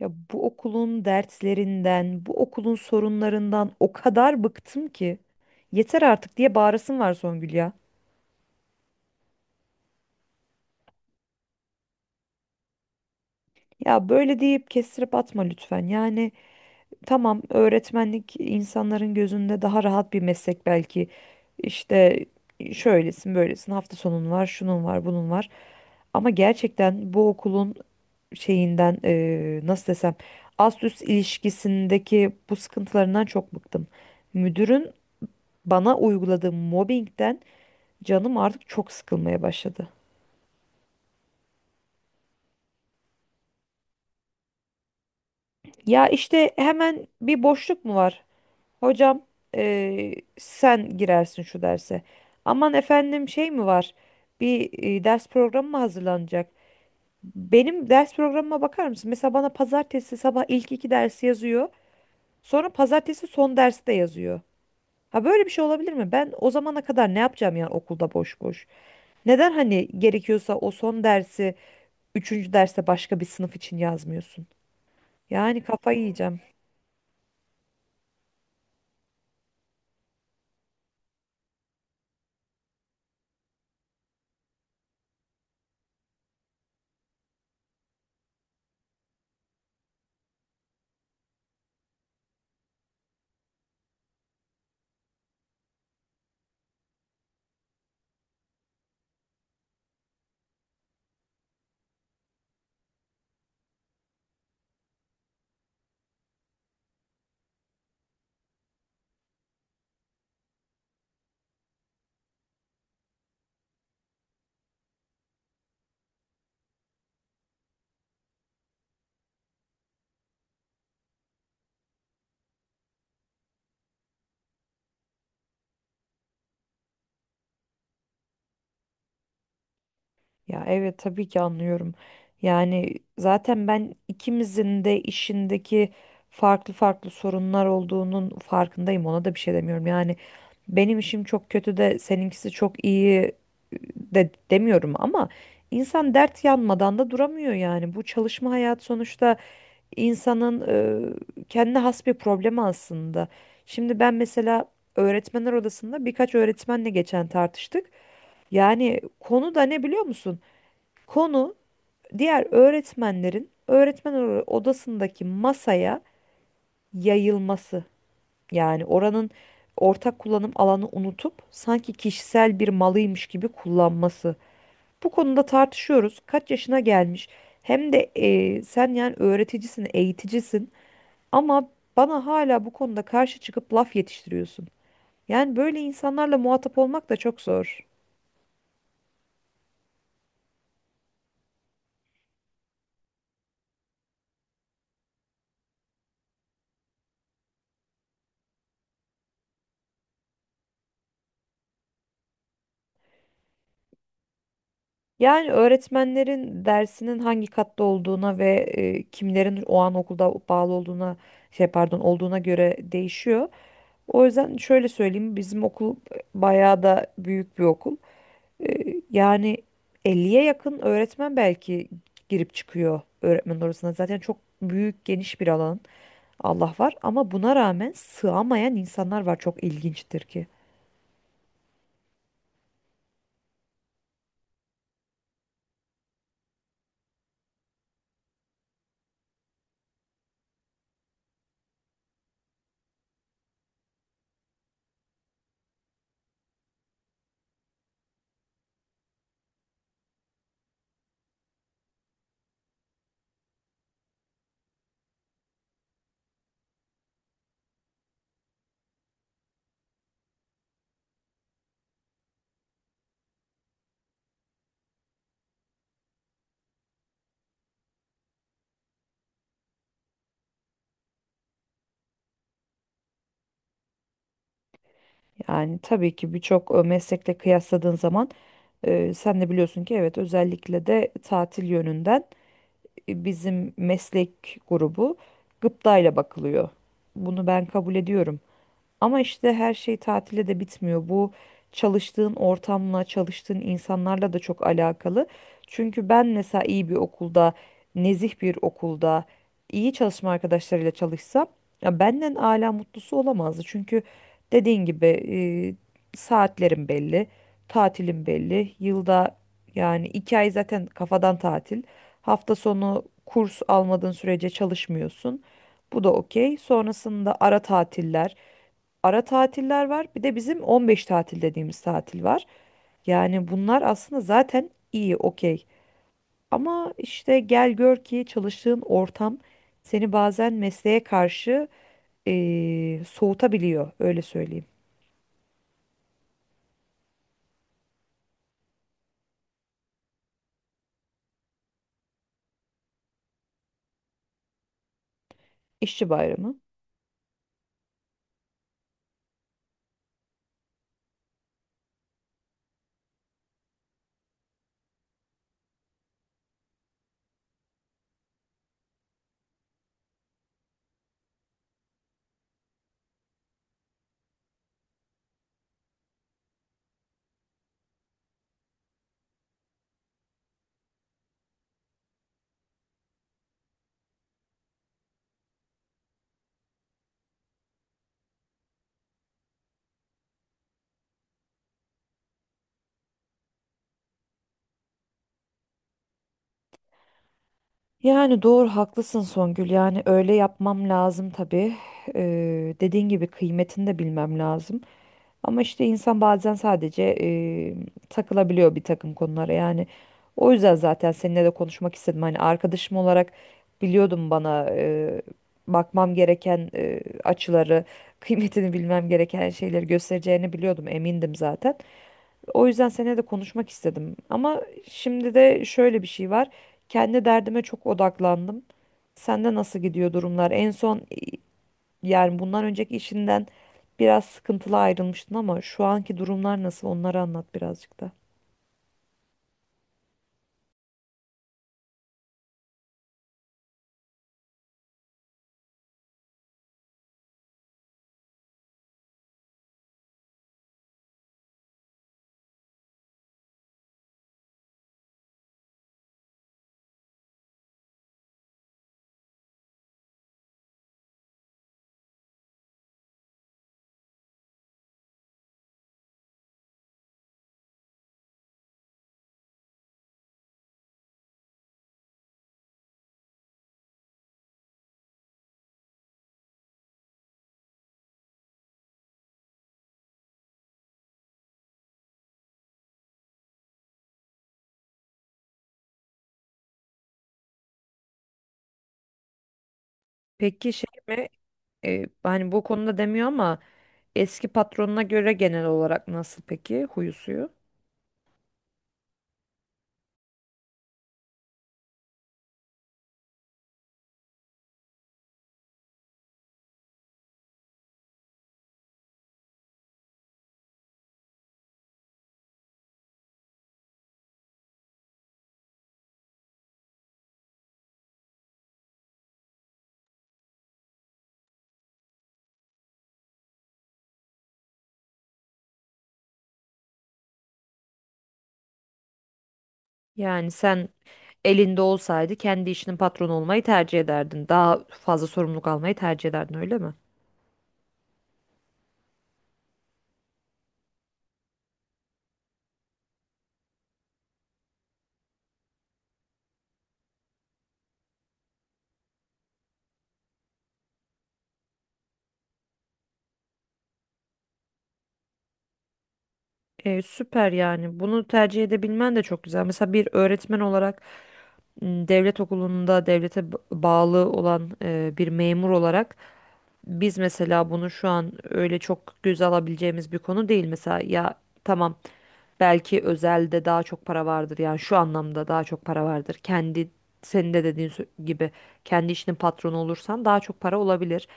Ya bu okulun derslerinden, bu okulun sorunlarından o kadar bıktım ki. Yeter artık diye bağırasım var, Songül ya. Ya böyle deyip kestirip atma lütfen. Yani tamam, öğretmenlik insanların gözünde daha rahat bir meslek belki. İşte şöylesin, böylesin, hafta sonun var, şunun var, bunun var. Ama gerçekten bu okulun şeyinden nasıl desem ast üst ilişkisindeki bu sıkıntılarından çok bıktım. Müdürün bana uyguladığı mobbingden canım artık çok sıkılmaya başladı. Ya işte hemen bir boşluk mu var? Hocam, sen girersin şu derse. Aman efendim şey mi var? Ders programı mı hazırlanacak? Benim ders programıma bakar mısın? Mesela bana pazartesi sabah ilk iki dersi yazıyor. Sonra pazartesi son dersi de yazıyor. Ha böyle bir şey olabilir mi? Ben o zamana kadar ne yapacağım yani okulda boş boş? Neden hani gerekiyorsa o son dersi üçüncü derste başka bir sınıf için yazmıyorsun. Yani kafayı yiyeceğim. Ya evet, tabii ki anlıyorum. Yani zaten ben ikimizin de işindeki farklı farklı sorunlar olduğunun farkındayım. Ona da bir şey demiyorum. Yani benim işim çok kötü de seninkisi çok iyi de demiyorum ama insan dert yanmadan da duramıyor yani. Bu çalışma hayat sonuçta insanın kendine has bir problemi aslında. Şimdi ben mesela öğretmenler odasında birkaç öğretmenle geçen tartıştık. Yani konu da ne biliyor musun? Konu diğer öğretmenlerin öğretmenler odasındaki masaya yayılması. Yani oranın ortak kullanım alanı unutup sanki kişisel bir malıymış gibi kullanması. Bu konuda tartışıyoruz. Kaç yaşına gelmiş? Hem de sen yani öğreticisin, eğiticisin. Ama bana hala bu konuda karşı çıkıp laf yetiştiriyorsun. Yani böyle insanlarla muhatap olmak da çok zor. Yani öğretmenlerin dersinin hangi katta olduğuna ve kimlerin o an okulda bağlı olduğuna, şey pardon, olduğuna göre değişiyor. O yüzden şöyle söyleyeyim, bizim okul bayağı da büyük bir okul. E, Yani elliye yakın öğretmen belki girip çıkıyor öğretmen odasına. Zaten çok büyük, geniş bir alan. Allah var ama buna rağmen sığamayan insanlar var, çok ilginçtir ki. Yani tabii ki birçok meslekle kıyasladığın zaman sen de biliyorsun ki evet, özellikle de tatil yönünden bizim meslek grubu gıptayla bakılıyor. Bunu ben kabul ediyorum. Ama işte her şey tatile de bitmiyor. Bu çalıştığın ortamla, çalıştığın insanlarla da çok alakalı. Çünkü ben mesela iyi bir okulda, nezih bir okulda, iyi çalışma arkadaşlarıyla çalışsam, ya benden âlâ mutlusu olamazdı. Çünkü dediğin gibi saatlerim belli, tatilim belli. Yılda yani iki ay zaten kafadan tatil. Hafta sonu kurs almadığın sürece çalışmıyorsun. Bu da okey. Sonrasında ara tatiller var. Bir de bizim 15 tatil dediğimiz tatil var. Yani bunlar aslında zaten iyi, okey. Ama işte gel gör ki çalıştığın ortam seni bazen mesleğe karşı soğutabiliyor, öyle söyleyeyim. İşçi bayramı. Yani doğru, haklısın Songül. Yani öyle yapmam lazım tabii. Dediğin gibi kıymetini de bilmem lazım. Ama işte insan bazen sadece takılabiliyor bir takım konulara yani. O yüzden zaten seninle de konuşmak istedim. Hani arkadaşım olarak biliyordum bana bakmam gereken açıları, kıymetini bilmem gereken şeyleri göstereceğini biliyordum, emindim zaten. O yüzden seninle de konuşmak istedim. Ama şimdi de şöyle bir şey var. Kendi derdime çok odaklandım. Sende nasıl gidiyor durumlar? En son yani bundan önceki işinden biraz sıkıntılı ayrılmıştın, ama şu anki durumlar nasıl, onları anlat birazcık da. Peki şey mi? E, hani bu konuda demiyor ama eski patronuna göre genel olarak nasıl peki huyu suyu? Yani sen elinde olsaydı kendi işinin patronu olmayı tercih ederdin. Daha fazla sorumluluk almayı tercih ederdin öyle mi? E, süper yani. Bunu tercih edebilmen de çok güzel. Mesela bir öğretmen olarak devlet okulunda devlete bağlı olan bir memur olarak biz mesela bunu şu an öyle çok göze alabileceğimiz bir konu değil mesela. Ya tamam, belki özelde daha çok para vardır yani şu anlamda daha çok para vardır. Senin de dediğin gibi kendi işinin patronu olursan daha çok para olabilir.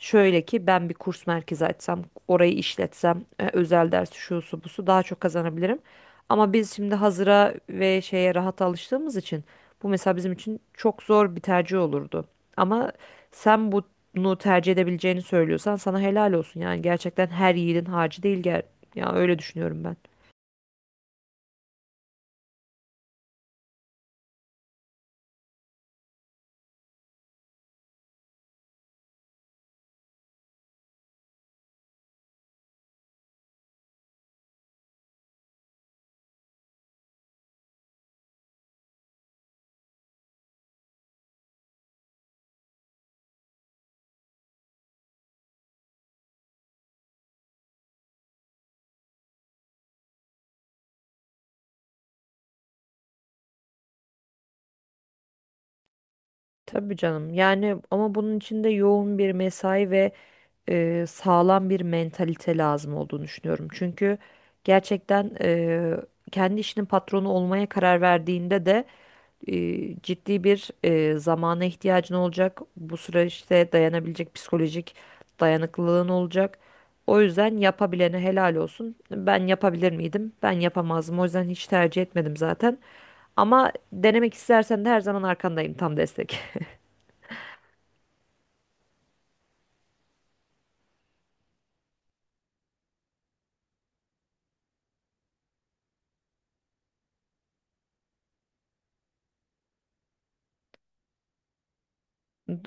Şöyle ki ben bir kurs merkezi açsam, orayı işletsem, e, özel ders şusu busu daha çok kazanabilirim. Ama biz şimdi hazıra ve şeye rahat alıştığımız için bu mesela bizim için çok zor bir tercih olurdu. Ama sen bunu tercih edebileceğini söylüyorsan sana helal olsun. Yani gerçekten her yiğidin harcı değil gel. Ya öyle düşünüyorum ben. Tabii canım. Yani ama bunun için de yoğun bir mesai ve sağlam bir mentalite lazım olduğunu düşünüyorum. Çünkü gerçekten kendi işinin patronu olmaya karar verdiğinde de ciddi bir zamana ihtiyacın olacak. Bu süreçte dayanabilecek psikolojik dayanıklılığın olacak. O yüzden yapabilene helal olsun. Ben yapabilir miydim? Ben yapamazdım. O yüzden hiç tercih etmedim zaten. Ama denemek istersen de her zaman arkandayım, tam destek.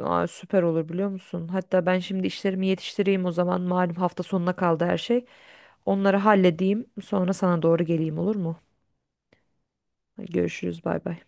Aa, süper olur biliyor musun? Hatta ben şimdi işlerimi yetiştireyim o zaman. Malum hafta sonuna kaldı her şey. Onları halledeyim. Sonra sana doğru geleyim, olur mu? Görüşürüz, bay bay.